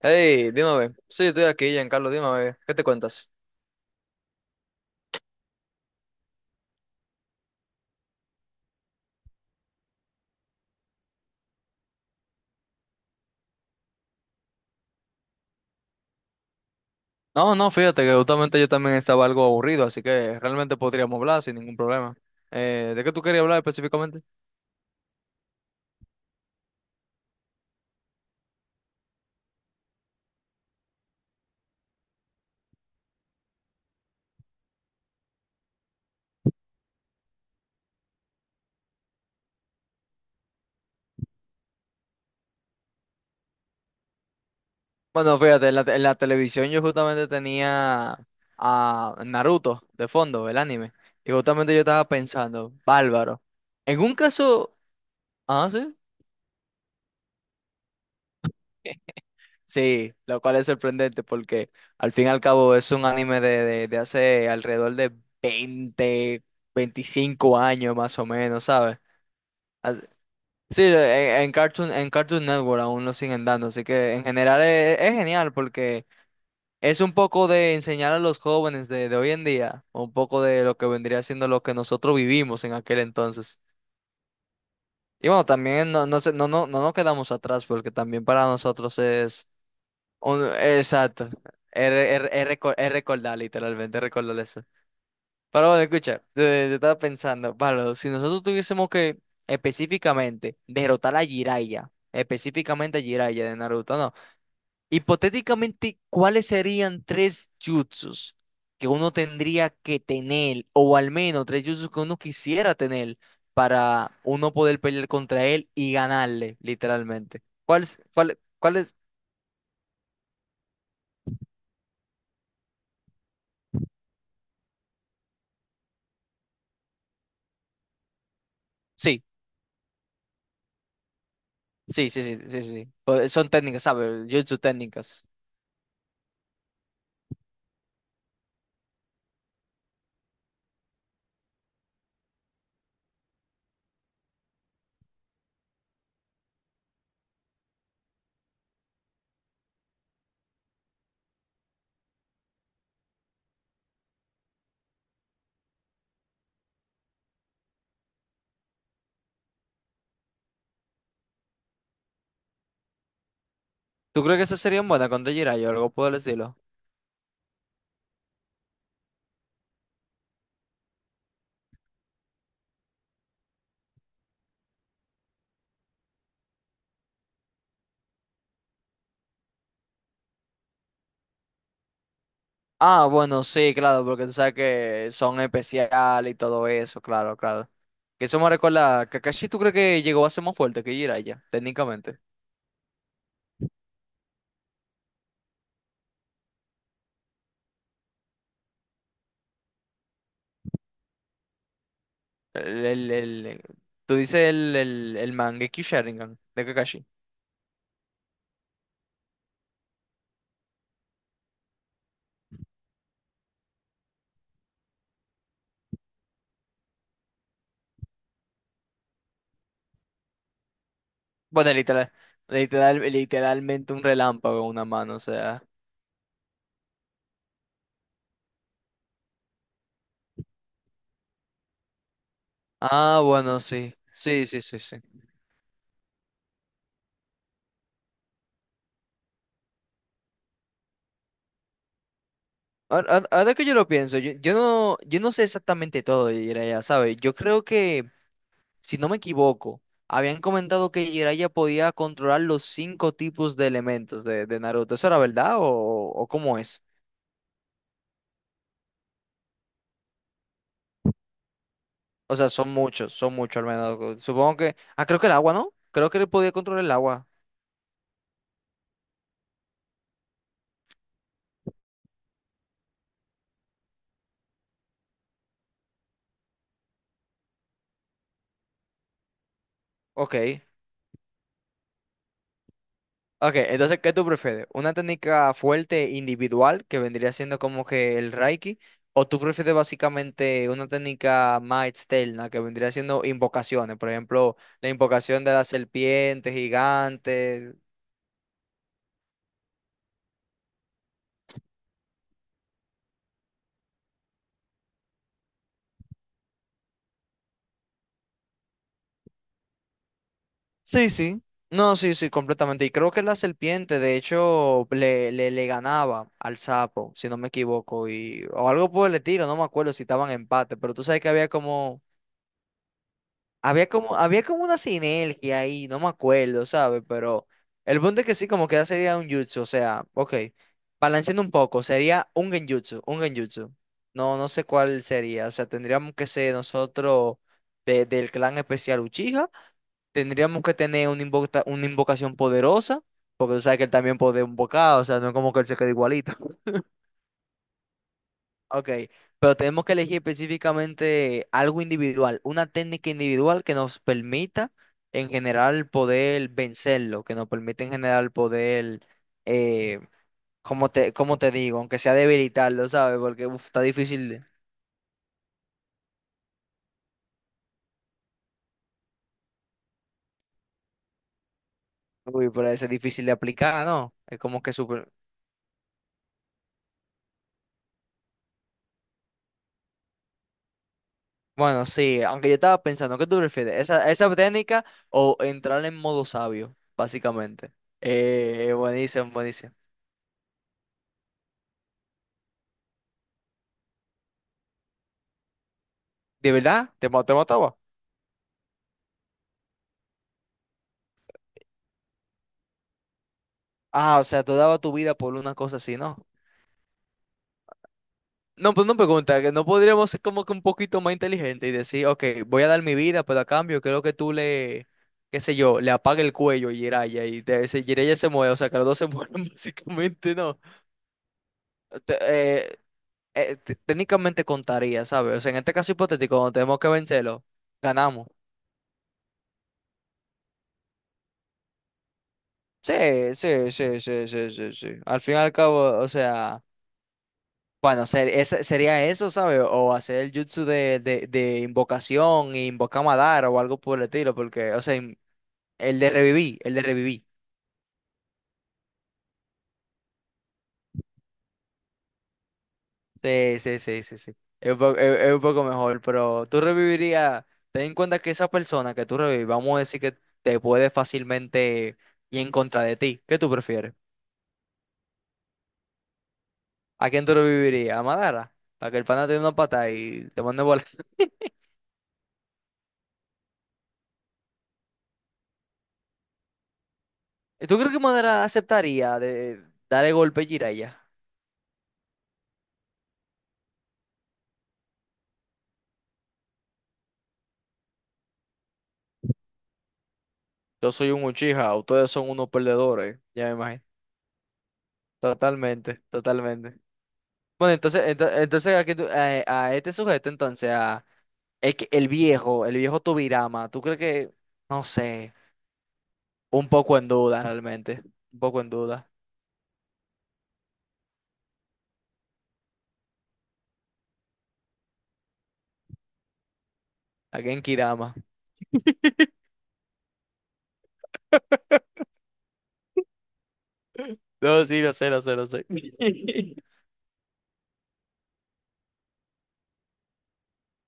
Hey, dime, a ver. Sí, estoy aquí, Giancarlo, dime, a ver. ¿Qué te cuentas? No, no, fíjate que justamente yo también estaba algo aburrido, así que realmente podríamos hablar sin ningún problema. ¿De qué tú querías hablar específicamente? Bueno, fíjate, en la televisión yo justamente tenía a Naruto de fondo, el anime, y justamente yo estaba pensando, bárbaro. En un caso. Ah, sí. Sí, lo cual es sorprendente porque al fin y al cabo es un anime de hace alrededor de 20, 25 años más o menos, ¿sabes? As- Sí, en Cartoon Network aún lo siguen dando, así que en general es genial porque es un poco de enseñar a los jóvenes de hoy en día, un poco de lo que vendría siendo lo que nosotros vivimos en aquel entonces. Y bueno, también no, no, se no, no, no nos quedamos atrás porque también para nosotros. Exacto. Es recordar, literalmente, es recordar eso. Pero bueno, escucha, yo estaba pensando, Pablo, si nosotros tuviésemos que específicamente derrotar a Jiraiya, específicamente a Jiraiya de Naruto, no. Hipotéticamente, ¿cuáles serían tres jutsus que uno tendría que tener, o al menos tres jutsus que uno quisiera tener para uno poder pelear contra él y ganarle, literalmente? ¿Cuáles, cuál, cuáles? Sí. Sí, sí, sí, sí, sí. Pues son técnicas, ¿sabes? Jutsu técnicas. ¿Tú crees que esas serían buenas contra Jiraiya o algo por el estilo? Ah, bueno, sí, claro, porque tú sabes que son especiales y todo eso, claro, claro. Que eso me recuerda, Kakashi, ¿tú crees que llegó a ser más fuerte que Jiraiya, técnicamente? El, el, el- tú dices el Mangekyou Sharingan de Kakashi. Bueno, literalmente un relámpago en una mano, o sea. Ah, bueno, sí, sí, sí, sí, sí. Ahora que yo lo pienso, yo no sé exactamente todo de Jiraiya, ¿sabes? Yo creo que, si no me equivoco, habían comentado que Jiraiya podía controlar los cinco tipos de elementos de Naruto. ¿Eso era verdad o cómo es? O sea, son muchos al menos. Supongo que. Ah, creo que el agua, ¿no? Creo que él podía controlar el agua. Ok. Ok, entonces, ¿qué tú prefieres? ¿Una técnica fuerte individual que vendría siendo como que el Reiki? ¿O tú prefieres básicamente una técnica más externa que vendría siendo invocaciones? Por ejemplo, la invocación de la serpiente gigante. Sí, sí. No, sí, sí, completamente. Y creo que la serpiente, de hecho, le ganaba al sapo, si no me equivoco, y, o algo por el estilo, no me acuerdo si estaban en empate, pero tú sabes que había como. Había como una sinergia ahí, no me acuerdo, ¿sabes? Pero el punto es que sí, como que sería un jutsu, o sea, ok, balanceando un poco, sería un genjutsu, un genjutsu. No, no sé cuál sería, o sea, tendríamos que ser nosotros del clan especial Uchiha, tendríamos que tener una invocación poderosa, porque tú sabes que él también puede invocar, o sea, no es como que él se quede igualito. Ok, pero tenemos que elegir específicamente algo individual, una técnica individual que nos permita en general poder vencerlo, que nos permita en general poder, eh, como te digo, aunque sea debilitarlo, ¿sabes? Porque uf, está difícil, uy, pero es difícil de aplicar, ¿no? Es como que súper. Bueno, sí, aunque yo estaba pensando, ¿qué tú prefieres? ¿Esa, esa técnica o entrar en modo sabio, básicamente? Buenísimo, buenísimo. ¿De verdad? ¿Te mataba? Ah, o sea, tú dabas tu vida por una cosa así, ¿no? No, pues no pregunta, que no podríamos ser como que un poquito más inteligente y decir, ok, voy a dar mi vida, pero a cambio creo que tú le, qué sé yo, le apague el cuello a Jiraiya y te, si Jiraiya se mueve, o sea, que los dos se mueren básicamente, ¿no? Te- eh, técnicamente contaría, ¿sabes? O sea, en este caso hipotético, cuando tenemos que vencerlo, ganamos. Sí, sí, sí, sí, sí, sí, sí. Al fin y al cabo, o sea. Bueno, sería eso, ¿sabes? O hacer el jutsu de invocación, invoca Madara o algo por el estilo, porque, o sea, el de revivir, el de revivir. Sí, sí, sí, sí, sí. Es un poco, es un poco mejor, pero tú revivirías, ten en cuenta que esa persona que tú revivís, vamos a decir que te puede fácilmente ir en contra de ti. ¿Qué tú prefieres? ¿A quién tú revivirías? ¿A Madara? Para que el pana te dé una pata y te mande volar. ¿Tú crees que Madara aceptaría de darle golpe a Jiraiya? Yo soy un Uchiha, ustedes son unos perdedores, ya me imagino. Totalmente, totalmente. Bueno, entonces, entonces aquí este sujeto, entonces, es que el viejo Tobirama, ¿tú crees que, no sé, un poco en duda realmente? Un poco en duda. Aquí en Kirama. No, sí, lo sé, lo sé, lo sé.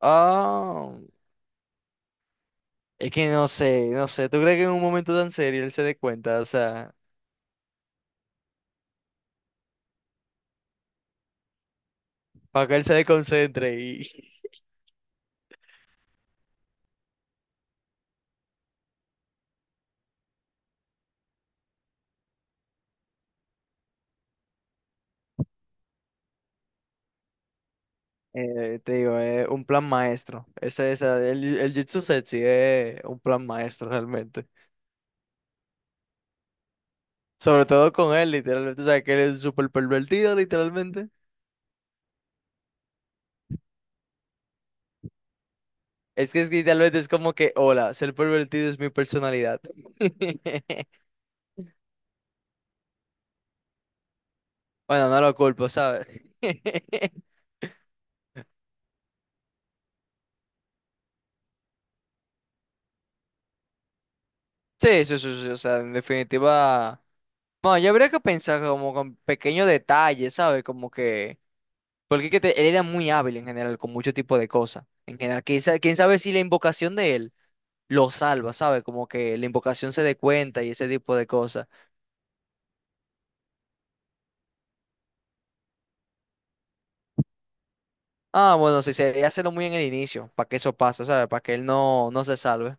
Ah, es que no sé, no sé. ¿Tú crees que en un momento tan serio él se dé cuenta? O sea, para que él se desconcentre. Te digo, es un plan maestro. El Jitsu Setsu es un plan maestro realmente. Sobre todo con él, literalmente. O sea, que él es súper pervertido, literalmente. Es que literalmente es como que, hola, ser pervertido es mi personalidad. Bueno, no lo culpo, ¿sabes? Sí, sí, sí, sí, o sea, en definitiva. Bueno, yo habría que pensar como con pequeños detalles, ¿sabes? Como que. Porque es que él era muy hábil en general, con mucho tipo de cosas. En general, quién sabe si la invocación de él lo salva, ¿sabes? Como que la invocación se dé cuenta y ese tipo de cosas. Ah, bueno, sí, sería hacerlo muy en el inicio, para que eso pase, ¿sabes? Para que él no se salve.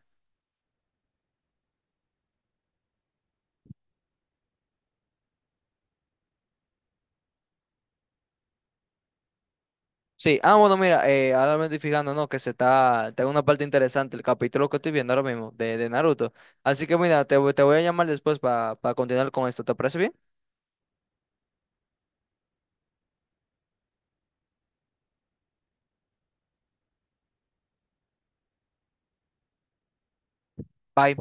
Sí, ah, bueno, mira, ahora me estoy fijando, ¿no? Que se está, tengo una parte interesante, el capítulo que estoy viendo ahora mismo, de Naruto. Así que mira, te voy a llamar después para continuar con esto, ¿te parece bien? Bye.